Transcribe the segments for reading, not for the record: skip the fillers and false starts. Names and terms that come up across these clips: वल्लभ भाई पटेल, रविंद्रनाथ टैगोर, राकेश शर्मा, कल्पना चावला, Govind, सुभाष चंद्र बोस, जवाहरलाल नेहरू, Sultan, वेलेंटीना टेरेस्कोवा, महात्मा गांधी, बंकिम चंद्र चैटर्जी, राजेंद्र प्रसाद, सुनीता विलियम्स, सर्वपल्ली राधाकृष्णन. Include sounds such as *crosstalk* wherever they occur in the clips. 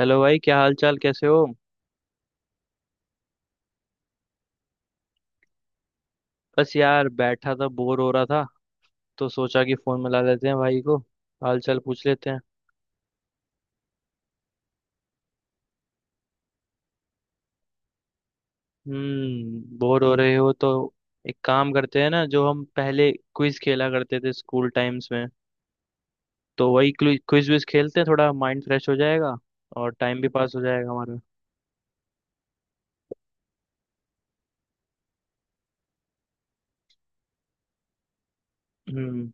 Hello भाई, क्या हाल चाल, कैसे हो। बस यार, बैठा था, बोर हो रहा था, तो सोचा कि फोन मिला लेते हैं भाई को, हाल चाल पूछ लेते हैं। हम्म, बोर हो रहे हो तो एक काम करते हैं ना, जो हम पहले क्विज खेला करते थे स्कूल टाइम्स में, तो वही क्विज विज खेलते हैं। थोड़ा माइंड फ्रेश हो जाएगा और टाइम भी पास हो जाएगा हमारा। हम्म,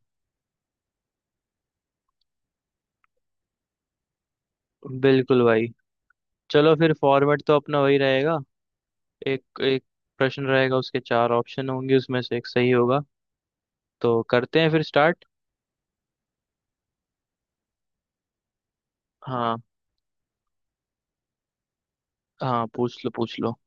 बिल्कुल भाई। चलो फिर, फॉर्मेट तो अपना वही रहेगा। एक एक प्रश्न रहेगा, उसके चार ऑप्शन होंगे, उसमें से एक सही होगा। तो करते हैं फिर स्टार्ट। हाँ हाँ, पूछ लो, पूछ लो।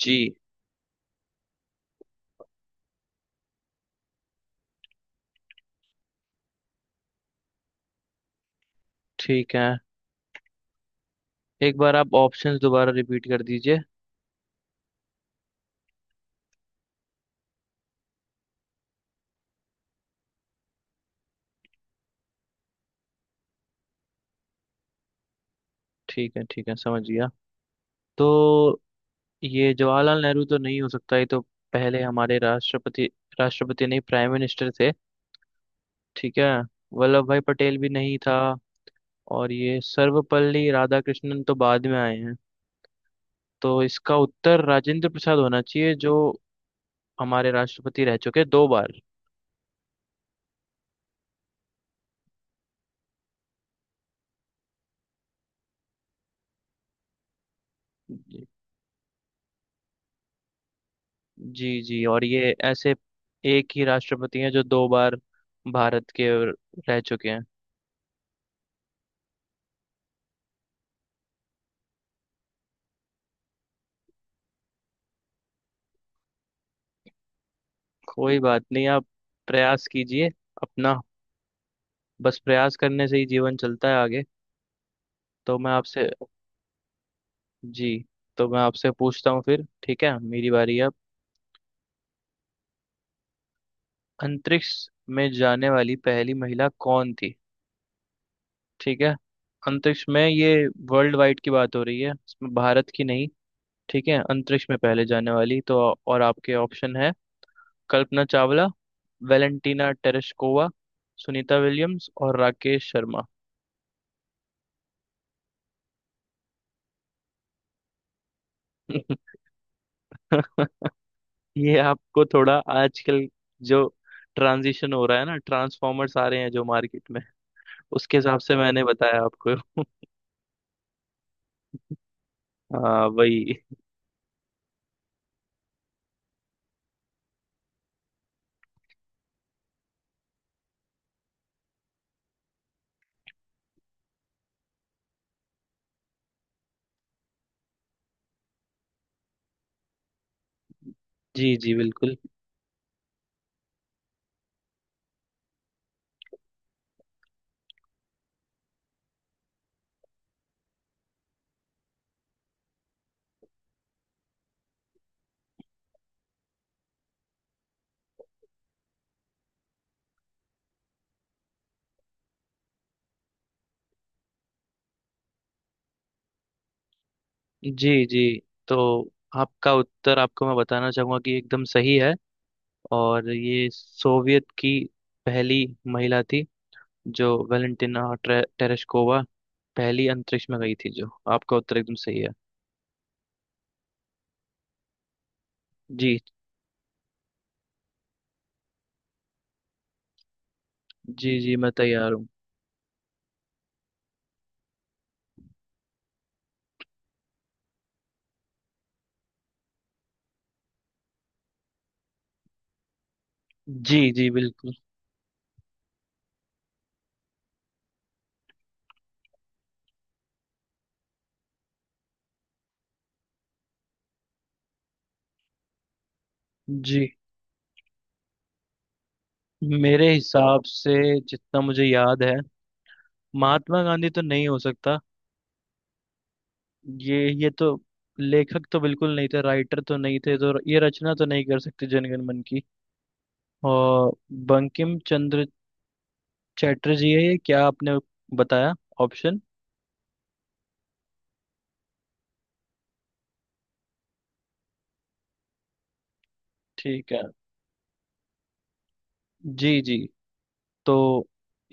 जी, ठीक है, एक बार आप ऑप्शंस दोबारा रिपीट कर दीजिए। ठीक है, ठीक है, समझ गया। तो ये जवाहरलाल नेहरू तो नहीं हो सकता, ये तो पहले हमारे राष्ट्रपति राष्ट्रपति नहीं, प्राइम मिनिस्टर थे। ठीक है। वल्लभ भाई पटेल भी नहीं था, और ये सर्वपल्ली राधाकृष्णन तो बाद में आए हैं। तो इसका उत्तर राजेंद्र प्रसाद होना चाहिए, जो हमारे राष्ट्रपति रह चुके 2 बार। जी जी, और ये ऐसे एक ही राष्ट्रपति हैं जो 2 बार भारत के रह चुके हैं। कोई बात नहीं, आप प्रयास कीजिए अपना। बस प्रयास करने से ही जीवन चलता है आगे। तो मैं आपसे, जी, तो मैं आपसे पूछता हूँ फिर, ठीक है, मेरी बारी है अब। अंतरिक्ष में जाने वाली पहली महिला कौन थी। ठीक है, अंतरिक्ष में, ये वर्ल्ड वाइड की बात हो रही है इसमें, भारत की नहीं। ठीक है, अंतरिक्ष में पहले जाने वाली तो, और आपके ऑप्शन है कल्पना चावला, वेलेंटीना टेरेस्कोवा, सुनीता विलियम्स और राकेश शर्मा। *laughs* ये आपको थोड़ा आजकल जो ट्रांजिशन हो रहा है ना, ट्रांसफॉर्मर्स आ रहे हैं जो मार्केट में, उसके हिसाब से मैंने बताया आपको। *laughs* हाँ वही। जी जी, बिल्कुल। जी जी, तो आपका उत्तर, आपको मैं बताना चाहूंगा कि एकदम सही है। और ये सोवियत की पहली महिला थी जो टेरेस्कोवा पहली अंतरिक्ष में गई थी, जो आपका उत्तर एकदम सही है। जी जी। जी, मैं तैयार हूँ। जी जी, बिल्कुल। जी, मेरे हिसाब से, जितना मुझे याद है, महात्मा गांधी तो नहीं हो सकता, ये तो लेखक तो बिल्कुल नहीं थे, राइटर तो नहीं थे, तो ये रचना तो नहीं कर सकते जनगण मन की। और बंकिम चंद्र चैटर्जी है ये, क्या आपने बताया ऑप्शन? ठीक है। जी जी, तो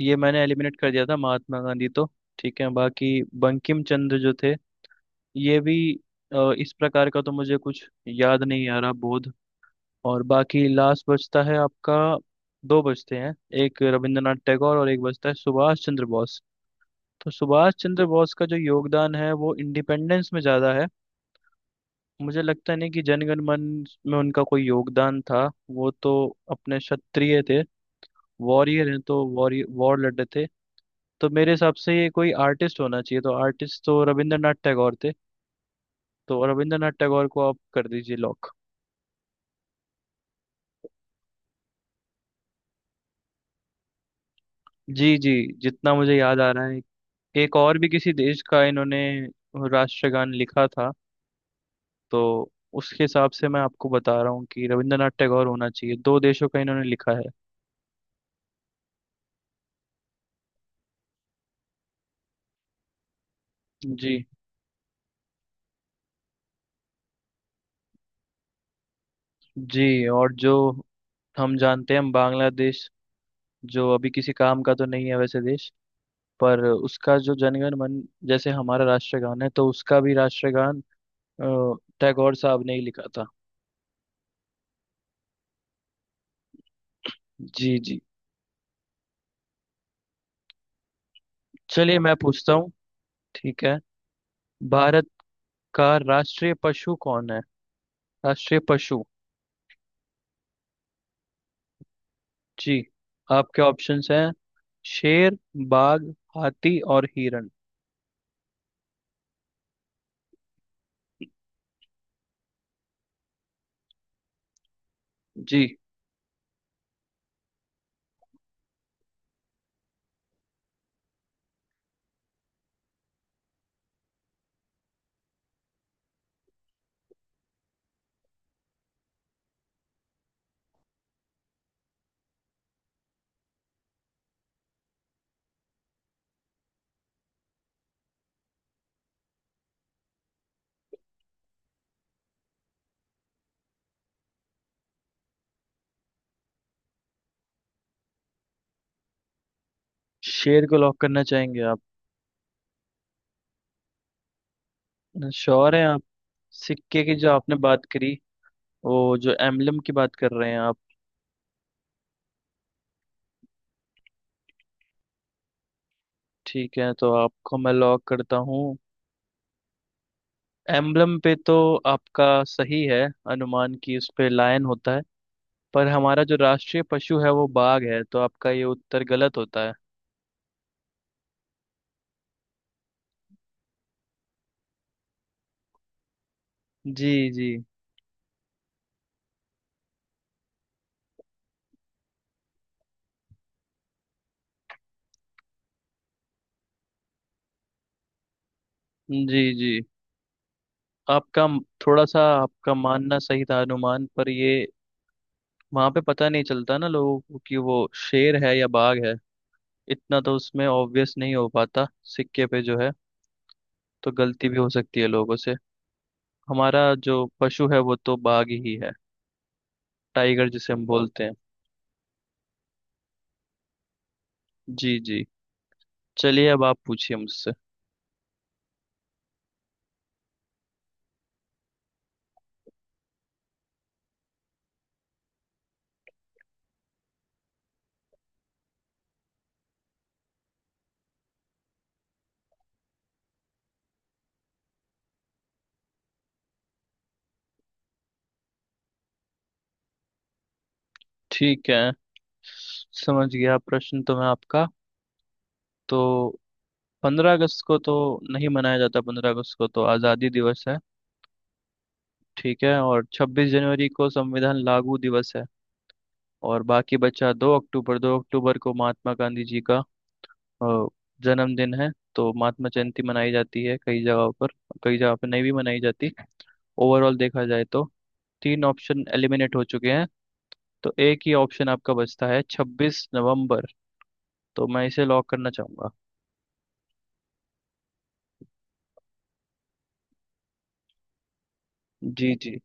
ये मैंने एलिमिनेट कर दिया था महात्मा गांधी तो। ठीक है, बाकी बंकिम चंद्र जो थे, ये भी इस प्रकार का तो मुझे कुछ याद नहीं आ रहा बोध। और बाकी लास्ट बचता है आपका, दो बचते हैं, एक रविंद्रनाथ टैगोर और एक बचता है सुभाष चंद्र बोस। तो सुभाष चंद्र बोस का जो योगदान है वो इंडिपेंडेंस में ज़्यादा है। मुझे लगता नहीं कि जनगण मन में उनका कोई योगदान था। वो तो अपने क्षत्रिय थे, वॉरियर हैं, तो वॉरियर वॉर लड़े थे। तो मेरे हिसाब से ये कोई आर्टिस्ट होना चाहिए, तो आर्टिस्ट तो रविंद्रनाथ टैगोर थे। तो रविंद्रनाथ टैगोर को आप कर दीजिए लॉक। जी जी, जितना मुझे याद आ रहा है, एक और भी किसी देश का इन्होंने राष्ट्रगान लिखा था। तो उसके हिसाब से मैं आपको बता रहा हूँ कि रविंद्रनाथ टैगोर होना चाहिए, 2 देशों का इन्होंने लिखा है। जी जी, और जो हम जानते हैं, हम बांग्लादेश, जो अभी किसी काम का तो नहीं है वैसे देश, पर उसका जो जनगण मन जैसे हमारा राष्ट्रगान है, तो उसका भी राष्ट्रगान अ, टैगोर साहब ने ही लिखा था। जी जी। चलिए, मैं पूछता हूँ। ठीक है, भारत का राष्ट्रीय पशु कौन है। राष्ट्रीय पशु। जी। आपके ऑप्शंस हैं शेर, बाघ, हाथी और हिरण। जी, शेर को लॉक करना चाहेंगे आप? श्योर हैं आप? सिक्के की जो आपने बात करी, वो जो एम्बलम की बात कर रहे हैं आप? ठीक है, तो आपको मैं लॉक करता हूँ। एम्बलम पे तो आपका सही है अनुमान की उस पे लायन होता है, पर हमारा जो राष्ट्रीय पशु है वो बाघ है, तो आपका ये उत्तर गलत होता है। जी जी। जी जी। आपका म- थोड़ा सा आपका मानना सही था अनुमान पर, ये वहां पे पता नहीं चलता ना लोगों को कि वो शेर है या बाघ है। इतना तो उसमें ऑब्वियस नहीं हो पाता सिक्के पे जो है, तो गलती भी हो सकती है लोगों से। हमारा जो पशु है वो तो बाघ ही है, टाइगर जिसे हम बोलते हैं। जी जी। चलिए, अब आप पूछिए मुझसे। ठीक है, समझ गया प्रश्न तो मैं आपका। तो 15 अगस्त को तो नहीं मनाया जाता, 15 अगस्त को तो आज़ादी दिवस है। ठीक है, और 26 जनवरी को संविधान लागू दिवस है। और बाकी बचा 2 अक्टूबर, 2 अक्टूबर को महात्मा गांधी जी का अ, जन्मदिन है, तो महात्मा जयंती मनाई जाती है कई जगहों पर, कई जगह पर नहीं भी मनाई जाती। ओवरऑल देखा जाए तो 3 ऑप्शन एलिमिनेट हो चुके हैं, तो एक ही ऑप्शन आपका बचता है 26 नवंबर, तो मैं इसे लॉक करना चाहूंगा। जी जी।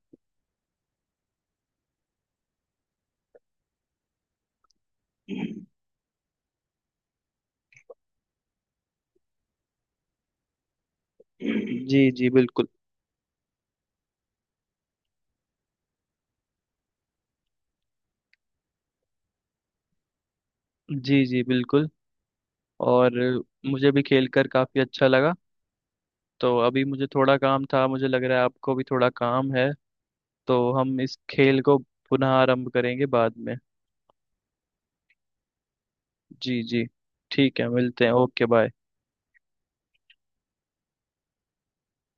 जी जी, बिल्कुल। जी जी, बिल्कुल। और मुझे भी खेल कर काफ़ी अच्छा लगा। तो अभी मुझे थोड़ा काम था, मुझे लग रहा है आपको भी थोड़ा काम है, तो हम इस खेल को पुनः आरंभ करेंगे बाद में। जी जी। ठीक है, मिलते हैं, ओके बाय।